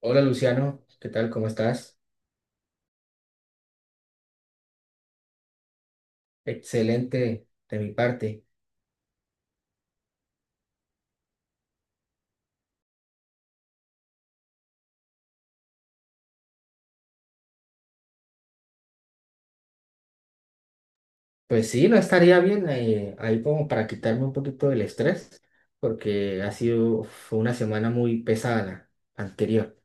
Hola Luciano, ¿qué tal? ¿Cómo estás? Excelente de mi parte. Pues sí, no estaría bien ahí como para quitarme un poquito del estrés, porque ha sido fue una semana muy pesada la anterior.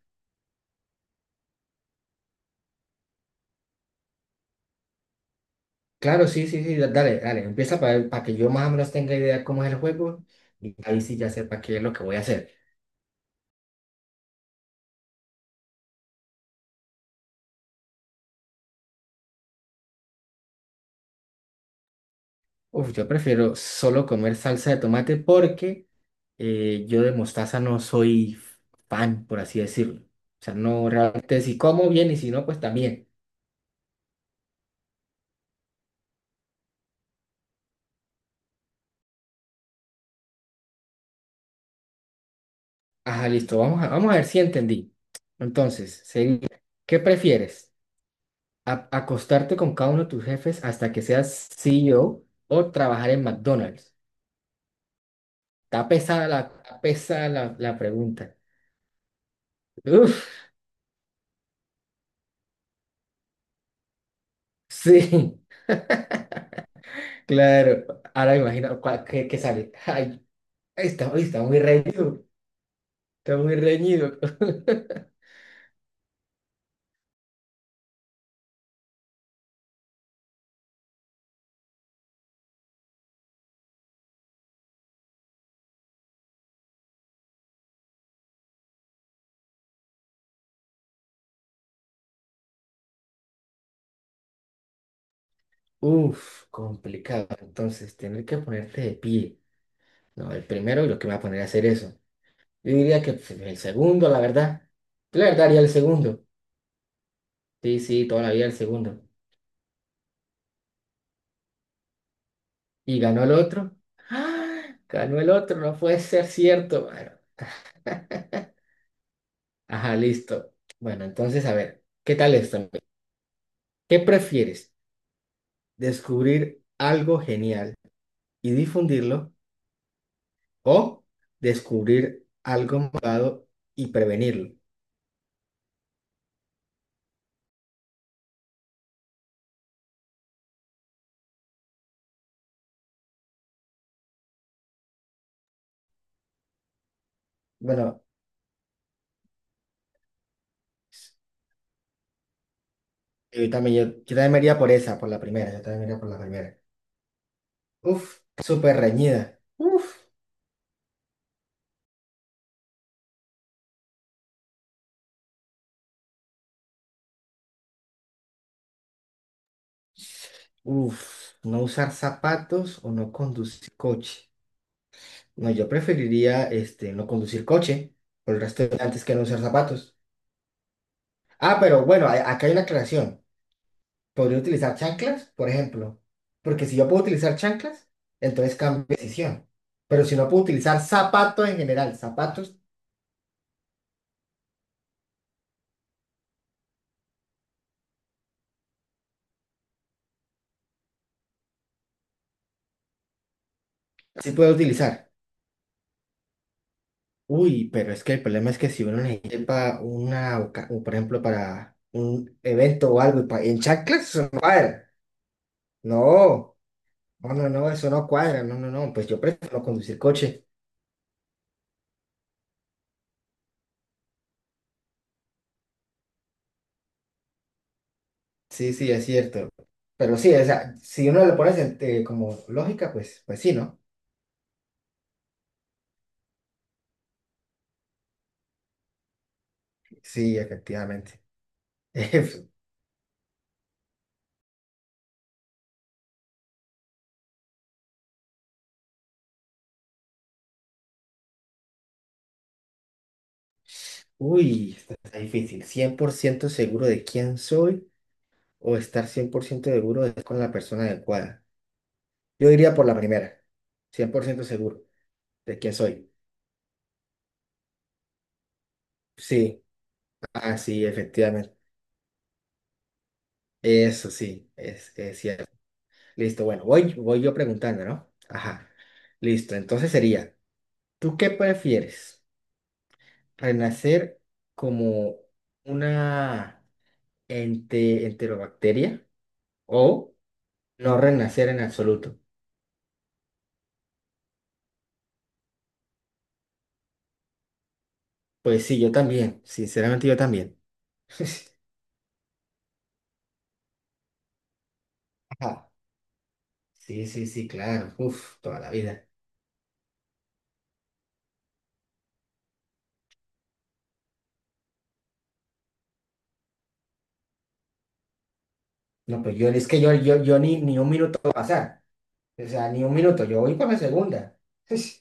Claro, sí, sí, sí, dale, dale, empieza para que yo más o menos tenga idea cómo es el juego y ahí sí ya sepa qué es lo que voy a hacer. Uf, yo prefiero solo comer salsa de tomate porque yo de mostaza no soy fan, por así decirlo. O sea, no realmente si como bien y si no, pues también. Ajá, listo. Vamos a ver si entendí. Entonces, sería, ¿qué prefieres? ¿Acostarte con cada uno de tus jefes hasta que seas CEO o trabajar en McDonald's? Está pesada la pregunta. Uf, sí, claro. Ahora me imagino qué sale. Ay, está muy reñido. Está muy reñido. Uf, complicado. Entonces, tener que ponerte de pie. No, el primero lo que me va a poner a hacer eso. Yo diría que pues, el segundo, la verdad. Yo la verdad haría el segundo. Sí, sí, todavía el segundo. Y ganó el otro. ¡Ah! Ganó el otro, no puede ser cierto, mano. Ajá, listo. Bueno, entonces, a ver, ¿qué tal esto, amigo? ¿Qué prefieres? ¿Descubrir algo genial y difundirlo o descubrir algo malvado y prevenirlo? Bueno, yo también, yo también me iría por esa, por la primera, yo también me iría por la primera. Uf, súper reñida. Uf. Uf, no usar zapatos o no conducir coche. No, yo preferiría no conducir coche por el resto de antes que no usar zapatos. Ah, pero bueno, acá hay una aclaración. Podría utilizar chanclas, por ejemplo. Porque si yo puedo utilizar chanclas, entonces cambio de decisión. Pero si no puedo utilizar zapatos en general, zapatos sí puedo utilizar. Uy, pero es que el problema es que si uno necesita o por ejemplo, para un evento o algo y en chanclas, eso no cuadra. No. No, no, no, eso no cuadra, no, no, no, pues yo prefiero conducir coche. Sí, sí, es cierto. Pero sí, o sea, si uno le pones como lógica, pues sí, ¿no? Sí, efectivamente. Uy, esto está difícil. ¿100% seguro de quién soy o estar 100% seguro de estar con la persona adecuada? Yo diría por la primera, 100% seguro de quién soy. Sí, ah, sí, efectivamente. Eso sí, es cierto. Listo, bueno, voy yo preguntando, ¿no? Ajá. Listo, entonces sería, ¿tú qué prefieres? ¿Renacer como una enterobacteria o no renacer en absoluto? Pues sí, yo también, sinceramente yo también. Ajá. Sí, sí, sí, claro. Uf, toda la vida. No, pues yo, es que yo ni un minuto va a pasar. O sea, ni un minuto, yo voy para la segunda.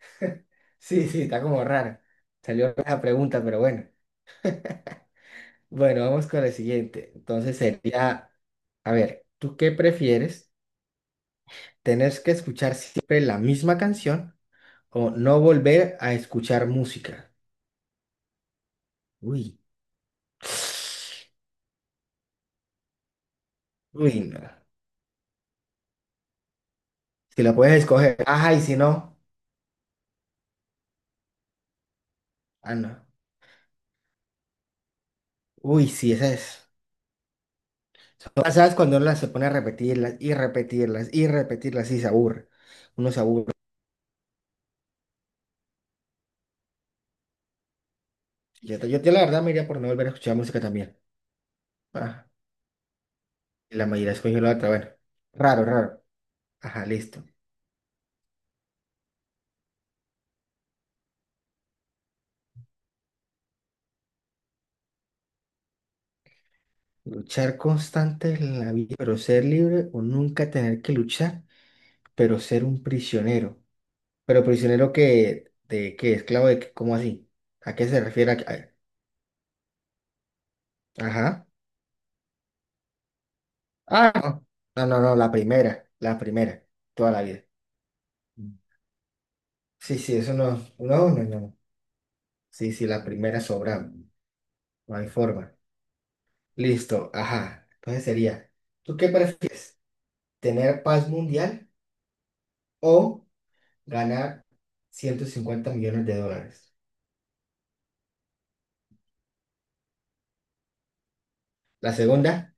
Sí, sí, está como raro. Salió la pregunta, pero bueno. Bueno, vamos con la siguiente. Entonces sería, a ver, ¿tú qué prefieres? ¿Tener que escuchar siempre la misma canción o no volver a escuchar música? Uy. Uy, no. Si la puedes escoger. Ajá, y si no. Ah, no. Uy, sí, esa es. ¿Sabes cuando uno las se pone a repetirlas y repetirlas y repetirlas y se aburre? Uno se aburre. Yo, la verdad me iría por no volver a escuchar música también. Ajá. La mayoría escogió la otra. Bueno, raro, raro. Ajá, listo. Luchar constante en la vida, pero ser libre o nunca tener que luchar, pero ser un prisionero. Pero prisionero que, de qué, esclavo de qué, ¿cómo así? ¿A qué se refiere? Ajá. Ah, no. No, no, no, la primera, toda la vida. Sí, sí, eso no, no, no, no. Sí, sí, la primera sobra, no hay forma. Listo, ajá. Entonces sería, ¿tú qué prefieres? ¿Tener paz mundial o ganar $150 millones? La segunda,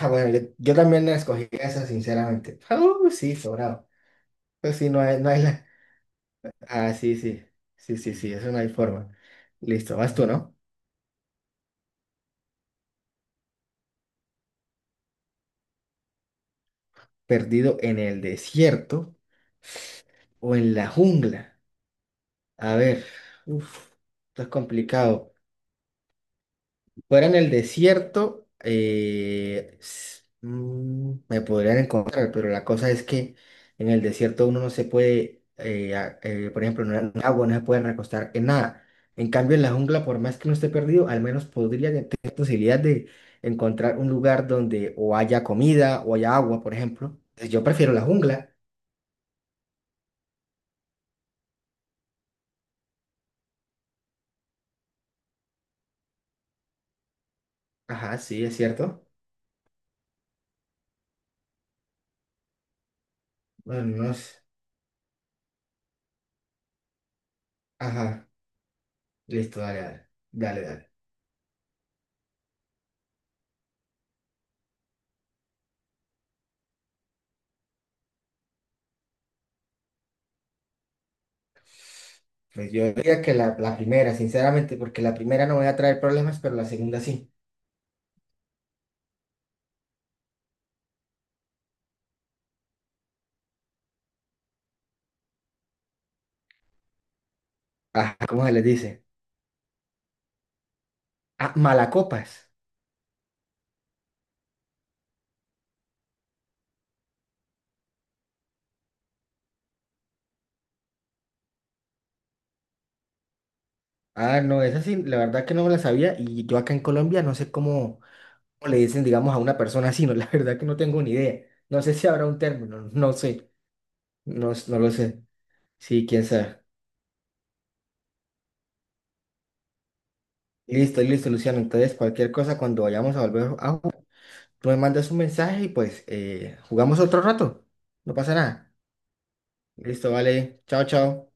ah, bueno, yo también la escogí esa, sinceramente. Ah, sí, sobrado. Pues sí, no hay la. Ah, sí, sí, sí, sí, sí, eso no hay forma. Listo, vas tú, ¿no? Perdido en el desierto o en la jungla. A ver, uf, esto es complicado. Fuera en el desierto, me podrían encontrar, pero la cosa es que en el desierto uno no se puede, por ejemplo, no, en el agua no se puede recostar en nada. En cambio, en la jungla, por más que uno esté perdido, al menos podría tener posibilidad de encontrar un lugar donde o haya comida o haya agua, por ejemplo. Entonces, yo prefiero la jungla. Ajá, sí, es cierto. Bueno, no es- Ajá, listo, dale, dale, dale, dale. Pues yo diría que la primera, sinceramente, porque la primera no voy a traer problemas, pero la segunda sí. Ajá, ¿cómo se les dice? Ah, malacopas. Ah, no, esa sí, la verdad que no me la sabía y yo acá en Colombia no sé cómo le dicen, digamos, a una persona así, no, la verdad que no tengo ni idea. No sé si habrá un término, no sé, no, no lo sé. Sí, quién sabe. Listo, listo, Luciano. Entonces, cualquier cosa, cuando vayamos a volver a jugar, tú me mandas un mensaje y pues jugamos otro rato. No pasa nada. Listo, vale. Chao, chao.